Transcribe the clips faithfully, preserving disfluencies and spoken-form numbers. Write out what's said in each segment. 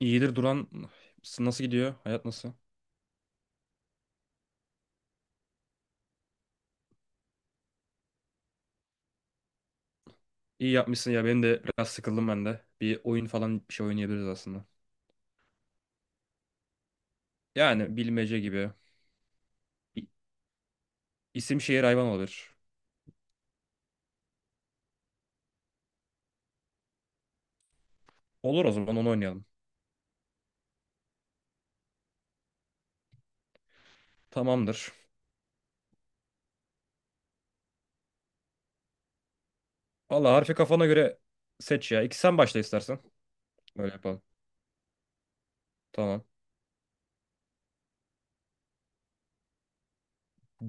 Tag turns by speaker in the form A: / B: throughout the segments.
A: İyidir Duran. Nasıl gidiyor? Hayat nasıl? İyi yapmışsın ya. Benim de biraz sıkıldım ben de. Bir oyun falan bir şey oynayabiliriz aslında. Yani bilmece gibi. İ- İsim şehir hayvan olabilir. Olur o zaman onu oynayalım. Tamamdır. Valla harfi kafana göre seç ya. İki sen başla istersen. Böyle yapalım. Tamam.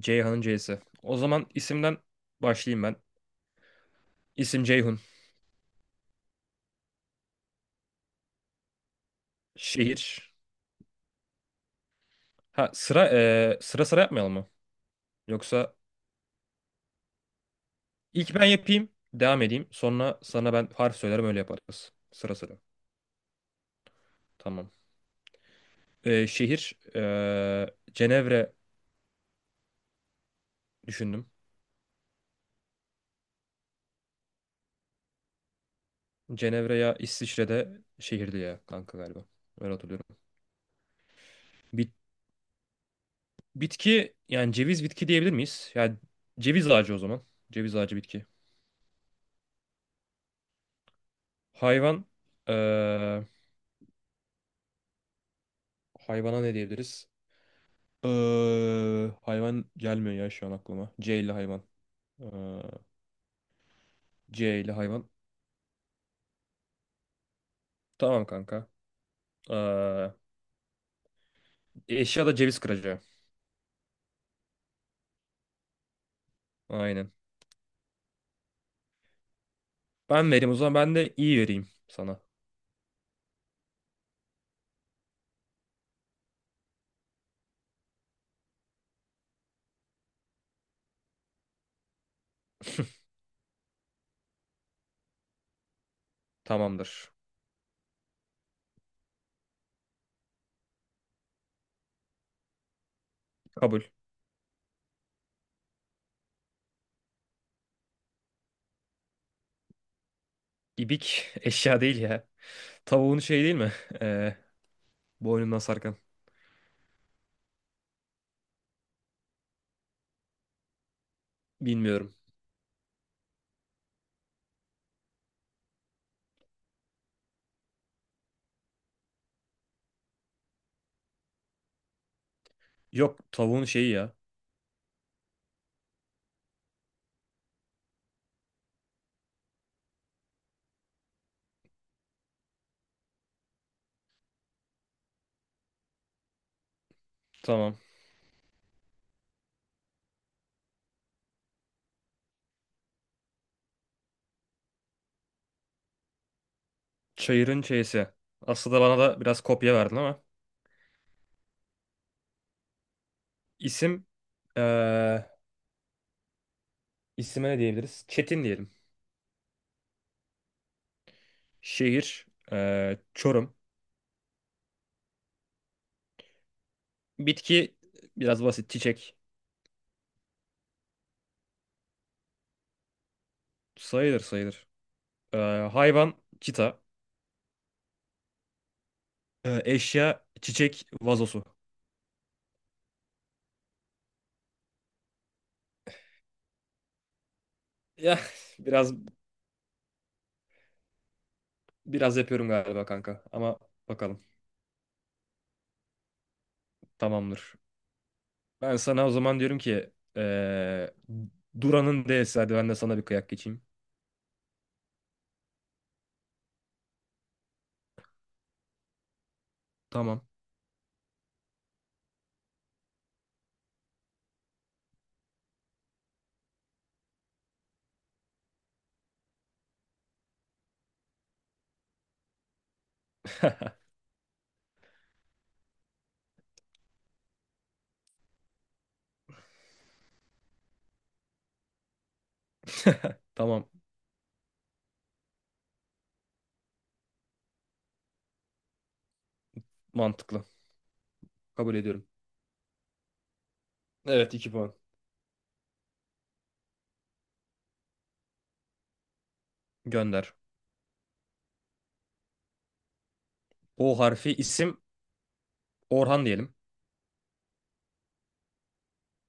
A: Ceyhan'ın C'si. O zaman isimden başlayayım ben. İsim Ceyhun. Şehir. Ha sıra eee, sıra sıra yapmayalım mı? Yoksa ilk ben yapayım. Devam edeyim. Sonra sana ben harf söylerim öyle yaparız. Sıra sıra. Tamam. Ee, şehir ee, Cenevre düşündüm. Cenevre ya İsviçre'de şehirdi ya kanka galiba. Öyle hatırlıyorum. Bit- bitki yani ceviz bitki diyebilir miyiz? Yani ceviz ağacı o zaman. Ceviz ağacı bitki. Hayvan ee, hayvana ne diyebiliriz? Ee, hayvan gelmiyor ya şu an aklıma. C ile hayvan. Ee, C ile hayvan. Tamam kanka. Ee, eşya da ceviz kıracağı. Aynen. Ben vereyim o zaman ben de iyi vereyim sana. Tamamdır. Kabul. İbik eşya değil ya. Tavuğun şeyi değil mi? Ee, boynundan sarkan. Bilmiyorum. Yok tavuğun şeyi ya. Tamam. Çayırın çeyisi. Aslında bana da biraz kopya verdin ama. İsim ee, isime ne diyebiliriz? Çetin diyelim. Şehir ee, Çorum. Bitki biraz basit. Çiçek. Sayılır, sayılır. Ee, hayvan çita. Ee, eşya çiçek vazosu. Ya biraz biraz yapıyorum galiba kanka ama bakalım. Tamamdır. Ben sana o zaman diyorum ki eee, Duran'ın D'si hadi ben de sana bir kıyak geçeyim. Tamam. Tamam. Mantıklı. Kabul ediyorum. Evet, iki puan. Gönder. O harfi isim Orhan diyelim.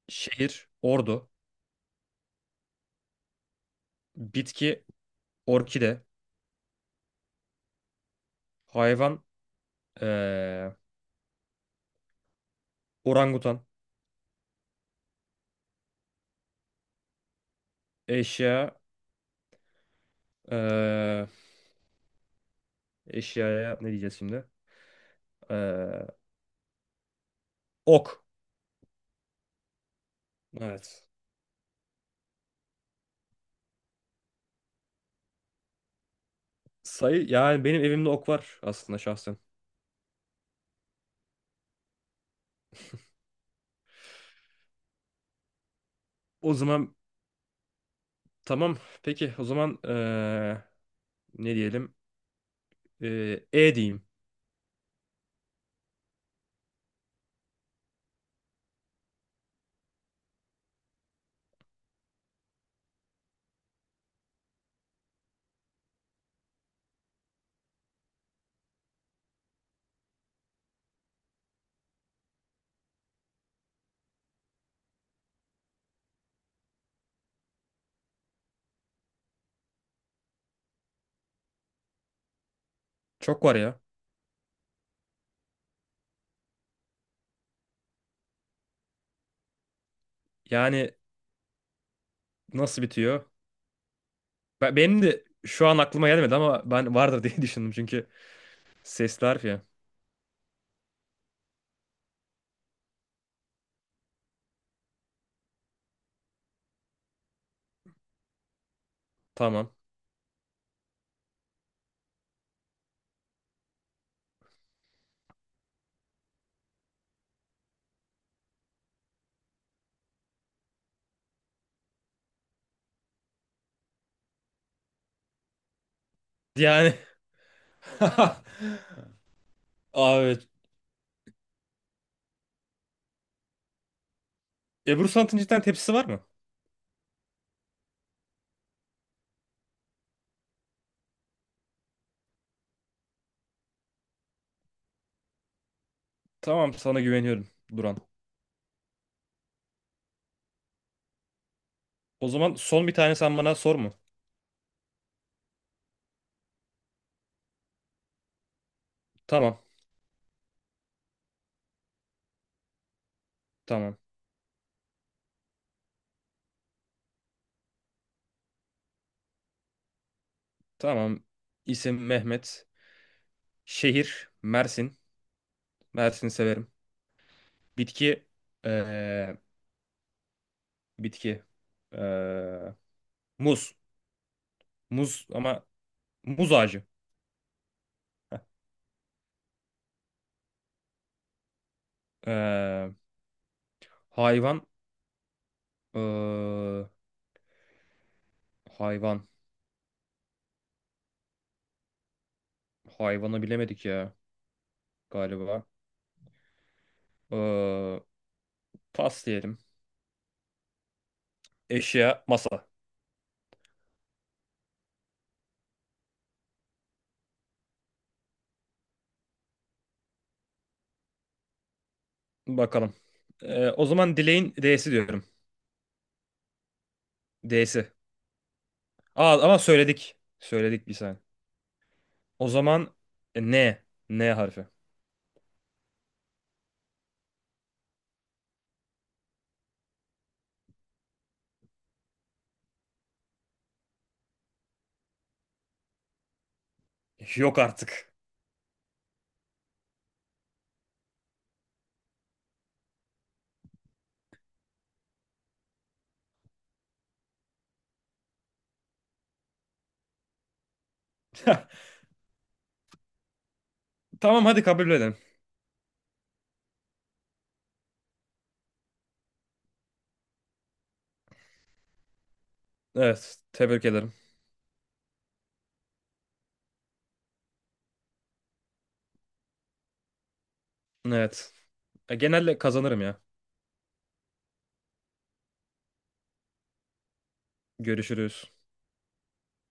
A: Şehir Ordu. Bitki orkide. Hayvan eee, orangutan. Eşya eee, eşyaya ne diyeceğiz şimdi? Eee, ok. Evet. Sayı yani benim evimde ok var aslında şahsen. O zaman tamam. Peki o zaman eee, ne diyelim? Eee, E diyeyim. Çok var ya. Yani nasıl bitiyor? Ben, benim de şu an aklıma gelmedi ama ben vardır diye düşündüm çünkü sesli harf ya. Tamam. Yani abi Ebru Sanat'ın cidden tepsisi var mı? Tamam sana güveniyorum Duran. O zaman son bir tane sen bana sor mu? Tamam. Tamam. Tamam. İsim Mehmet. Şehir Mersin. Mersin'i severim. Bitki eee, bitki. Ee, muz. Muz ama muz ağacı. Heh. Ee, hayvan. Ee, hayvan. Hayvanı bilemedik ya galiba. Ee, pas diyelim. Eşya, masa. Bakalım. Ee, o zaman dileğin D'si diyorum. D'si. Aa, ama söyledik. Söyledik bir saniye. O zaman e, N. N harfi. Yok artık. Tamam hadi kabul edelim. Evet. Tebrik ederim. Evet. E, genelde kazanırım ya. Görüşürüz.